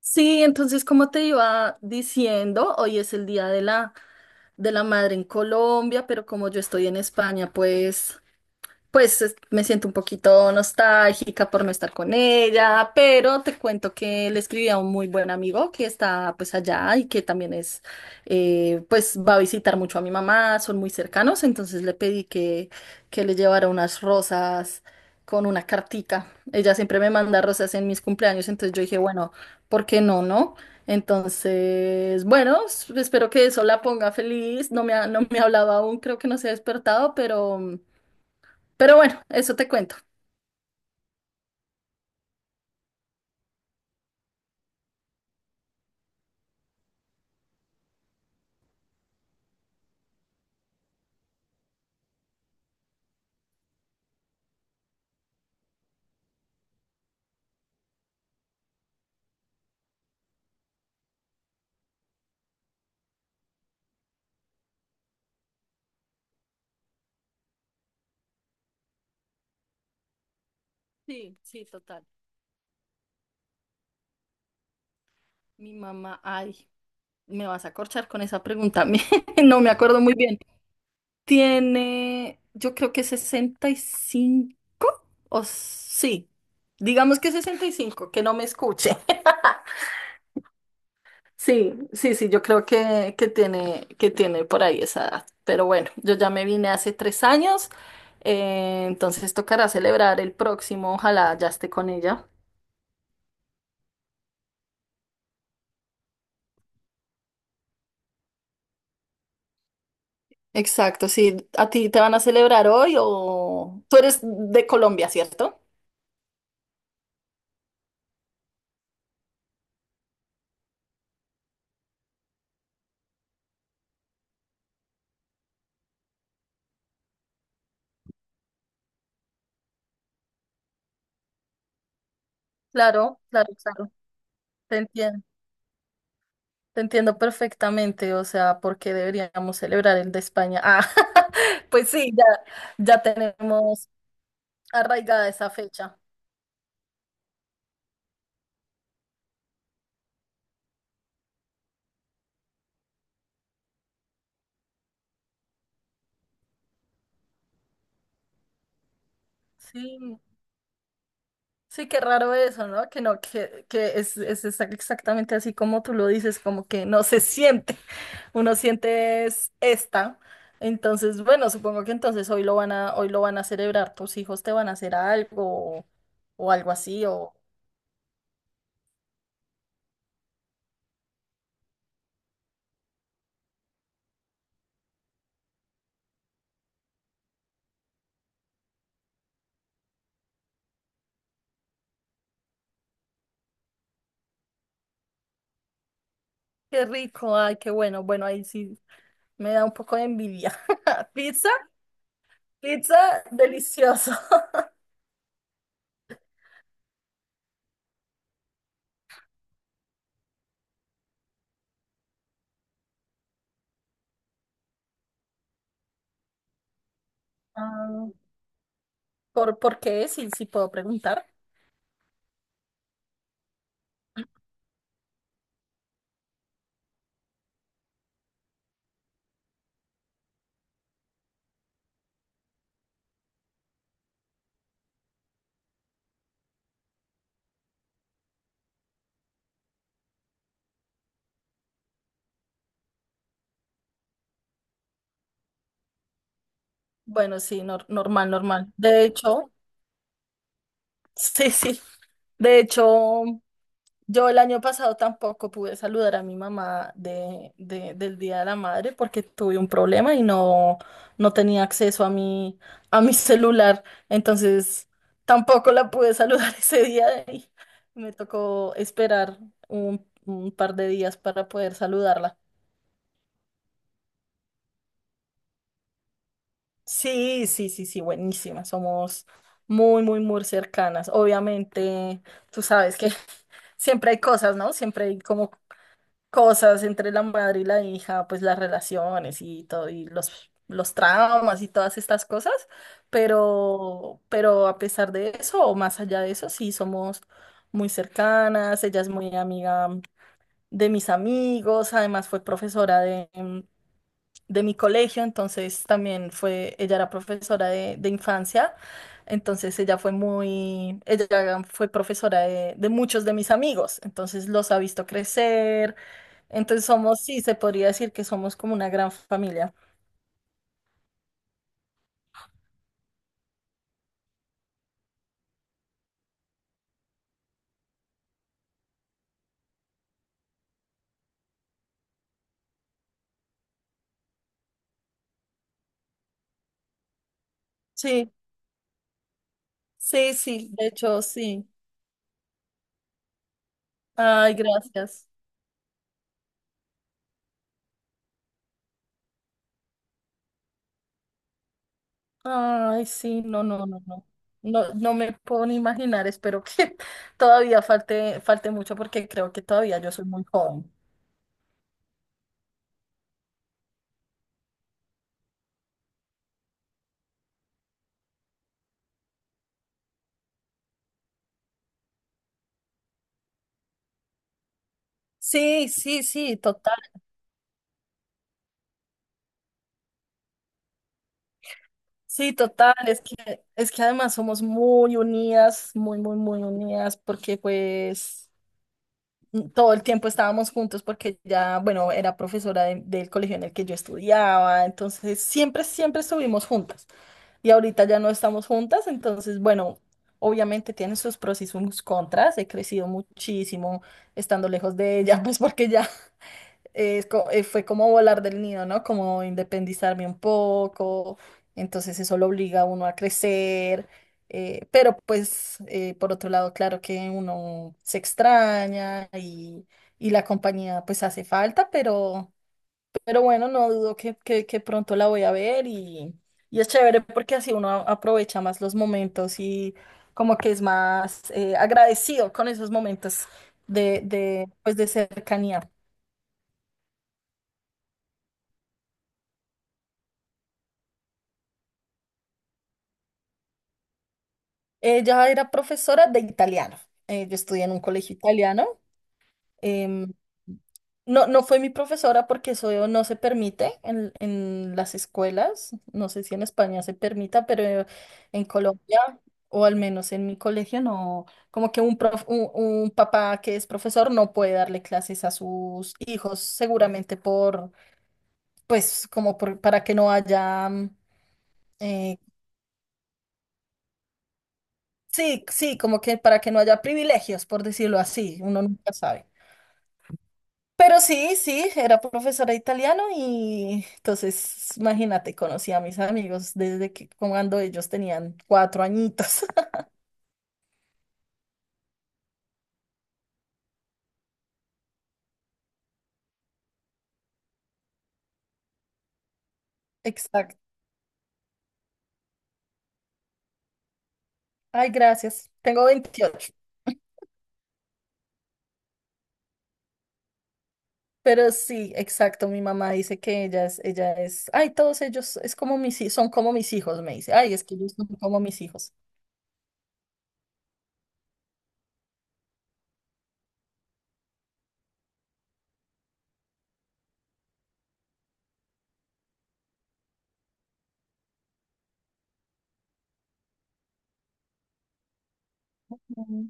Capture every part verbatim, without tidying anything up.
Sí, entonces, como te iba diciendo, hoy es el Día de la, de la Madre en Colombia, pero como yo estoy en España, pues pues es- me siento un poquito nostálgica por no estar con ella, pero te cuento que le escribí a un muy buen amigo que está pues allá y que también es, eh, pues va a visitar mucho a mi mamá, son muy cercanos, entonces le pedí que, que le llevara unas rosas con una cartica. Ella siempre me manda rosas en mis cumpleaños, entonces yo dije, bueno, ¿por qué no, no? Entonces, bueno, espero que eso la ponga feliz. No me ha, no me ha hablado aún, creo que no se ha despertado, pero. Pero bueno, eso te cuento. Sí, sí, total. Mi mamá, ay, me vas a corchar con esa pregunta. a No me acuerdo muy bien. Tiene, yo creo que sesenta y cinco o sí, digamos que sesenta y cinco. Que no me escuche. Sí, sí, sí, yo creo que, que tiene, que tiene por ahí esa edad. Pero bueno, yo ya me vine hace tres años, eh, entonces tocará celebrar el próximo, ojalá ya esté con ella. Exacto, sí. ¿A ti te van a celebrar hoy o tú eres de Colombia? ¿Cierto? Claro, claro, claro. Te entiendo, te entiendo perfectamente. O sea, ¿por qué deberíamos celebrar el de España? Ah, pues sí, ya, ya tenemos arraigada esa fecha. Sí. Sí, qué raro eso, ¿no? Que no, que, que es, es exa- exactamente así como tú lo dices, como que no se siente. Uno siente es esta. Entonces, bueno, supongo que entonces hoy lo van a, hoy lo van a celebrar. Tus hijos te van a hacer algo o, o algo así, o qué rico, ay, qué bueno. Bueno, ahí sí me da un poco de envidia. Pizza, pizza, delicioso. Ah, ¿Por, por qué? Sí, sí puedo preguntar. Bueno, sí, nor- normal, normal. De hecho. Sí, sí. De hecho, yo el año pasado tampoco pude saludar a mi mamá de, de- del Día de la Madre porque tuve un problema y no, no tenía acceso a mi, a mi celular. Entonces, tampoco la pude saludar ese día y me tocó esperar un, un par de días para poder saludarla. Sí, sí, sí, sí, buenísima. Somos muy, muy, muy cercanas. Obviamente, tú sabes que. Siempre hay cosas, ¿no? Siempre hay como cosas entre la madre y la hija, pues las relaciones y todo, y los, los traumas y todas estas cosas, pero, pero a pesar de eso, o más allá de eso, sí somos muy cercanas, ella es muy amiga de mis amigos, además fue profesora de, em, de mi colegio, entonces también fue, ella era profesora de, de infancia. Entonces ella fue muy, ella fue profesora de, de muchos de mis amigos, entonces los ha visto crecer, entonces somos, sí, se podría decir que somos como una gran familia. Sí, sí, sí, de hecho, sí. Ay, gracias. Ay, sí, no, no, no, no. No, no me puedo ni imaginar, espero que todavía falte, falte mucho porque creo que todavía yo soy muy joven. Sí, sí, sí, total. Sí, total. Es que, es que además somos muy unidas, muy, muy, muy unidas, porque pues todo el tiempo estábamos juntos porque ya, bueno, era profesora de- del colegio en el que yo estudiaba, entonces siempre, siempre estuvimos juntas. Y ahorita ya no estamos juntas, entonces, bueno, obviamente tiene sus pros y sus contras. He crecido muchísimo estando lejos de ella, pues porque ya eh, co- eh, fue como volar del nido, ¿no? Como independizarme un poco, entonces eso lo obliga a uno a crecer, eh, pero pues eh, por otro lado, claro que uno se extraña y, y la compañía pues hace falta, pero, pero bueno, no dudo que, que, que pronto la voy a ver y, y es chévere porque así uno a- aprovecha más los momentos y como que es más eh, agradecido con esos momentos de, de, pues, de cercanía. Ella era profesora de italiano. Eh, yo estudié en un colegio italiano. Em, no, no fue mi profesora porque eso no se permite en, en las escuelas. No sé si en España se permita, pero en Colombia, o al menos en mi colegio, no, como que un, prof- un, un papá que es profesor no puede darle clases a sus hijos, seguramente por, pues, como por- para que no haya eh, sí, sí, como que para que no haya privilegios, por decirlo así, uno nunca sabe. Pero sí, sí, era profesora de italiano y entonces, imagínate, conocí a mis amigos desde que cuando ellos tenían cuatro añitos. Exacto. Ay, gracias. Tengo veintiocho. Pero sí, exacto, mi mamá dice que ella es, ella es, ay, todos ellos es como mis, hi- son como mis hijos, me dice, ay, es que ellos son como mis hijos. Ujú.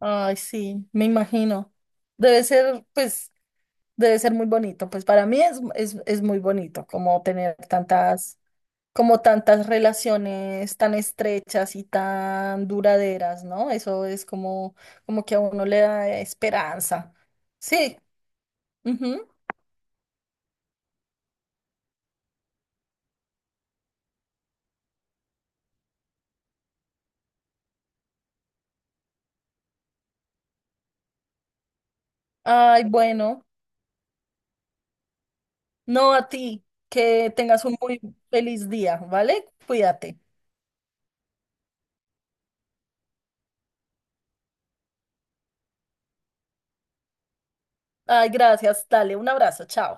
Ay, sí, me imagino. Debe ser, pues, debe ser muy bonito. Pues para mí es, es, es muy bonito como tener tantas. Como tantas relaciones tan estrechas y tan duraderas, ¿no? Eso es como, como que a uno le da esperanza. Sí. Ujú. Ay, bueno, no a ti, que tengas un muy feliz día, ¿vale? Cuídate. Ay, gracias. Dale, un abrazo. Chao.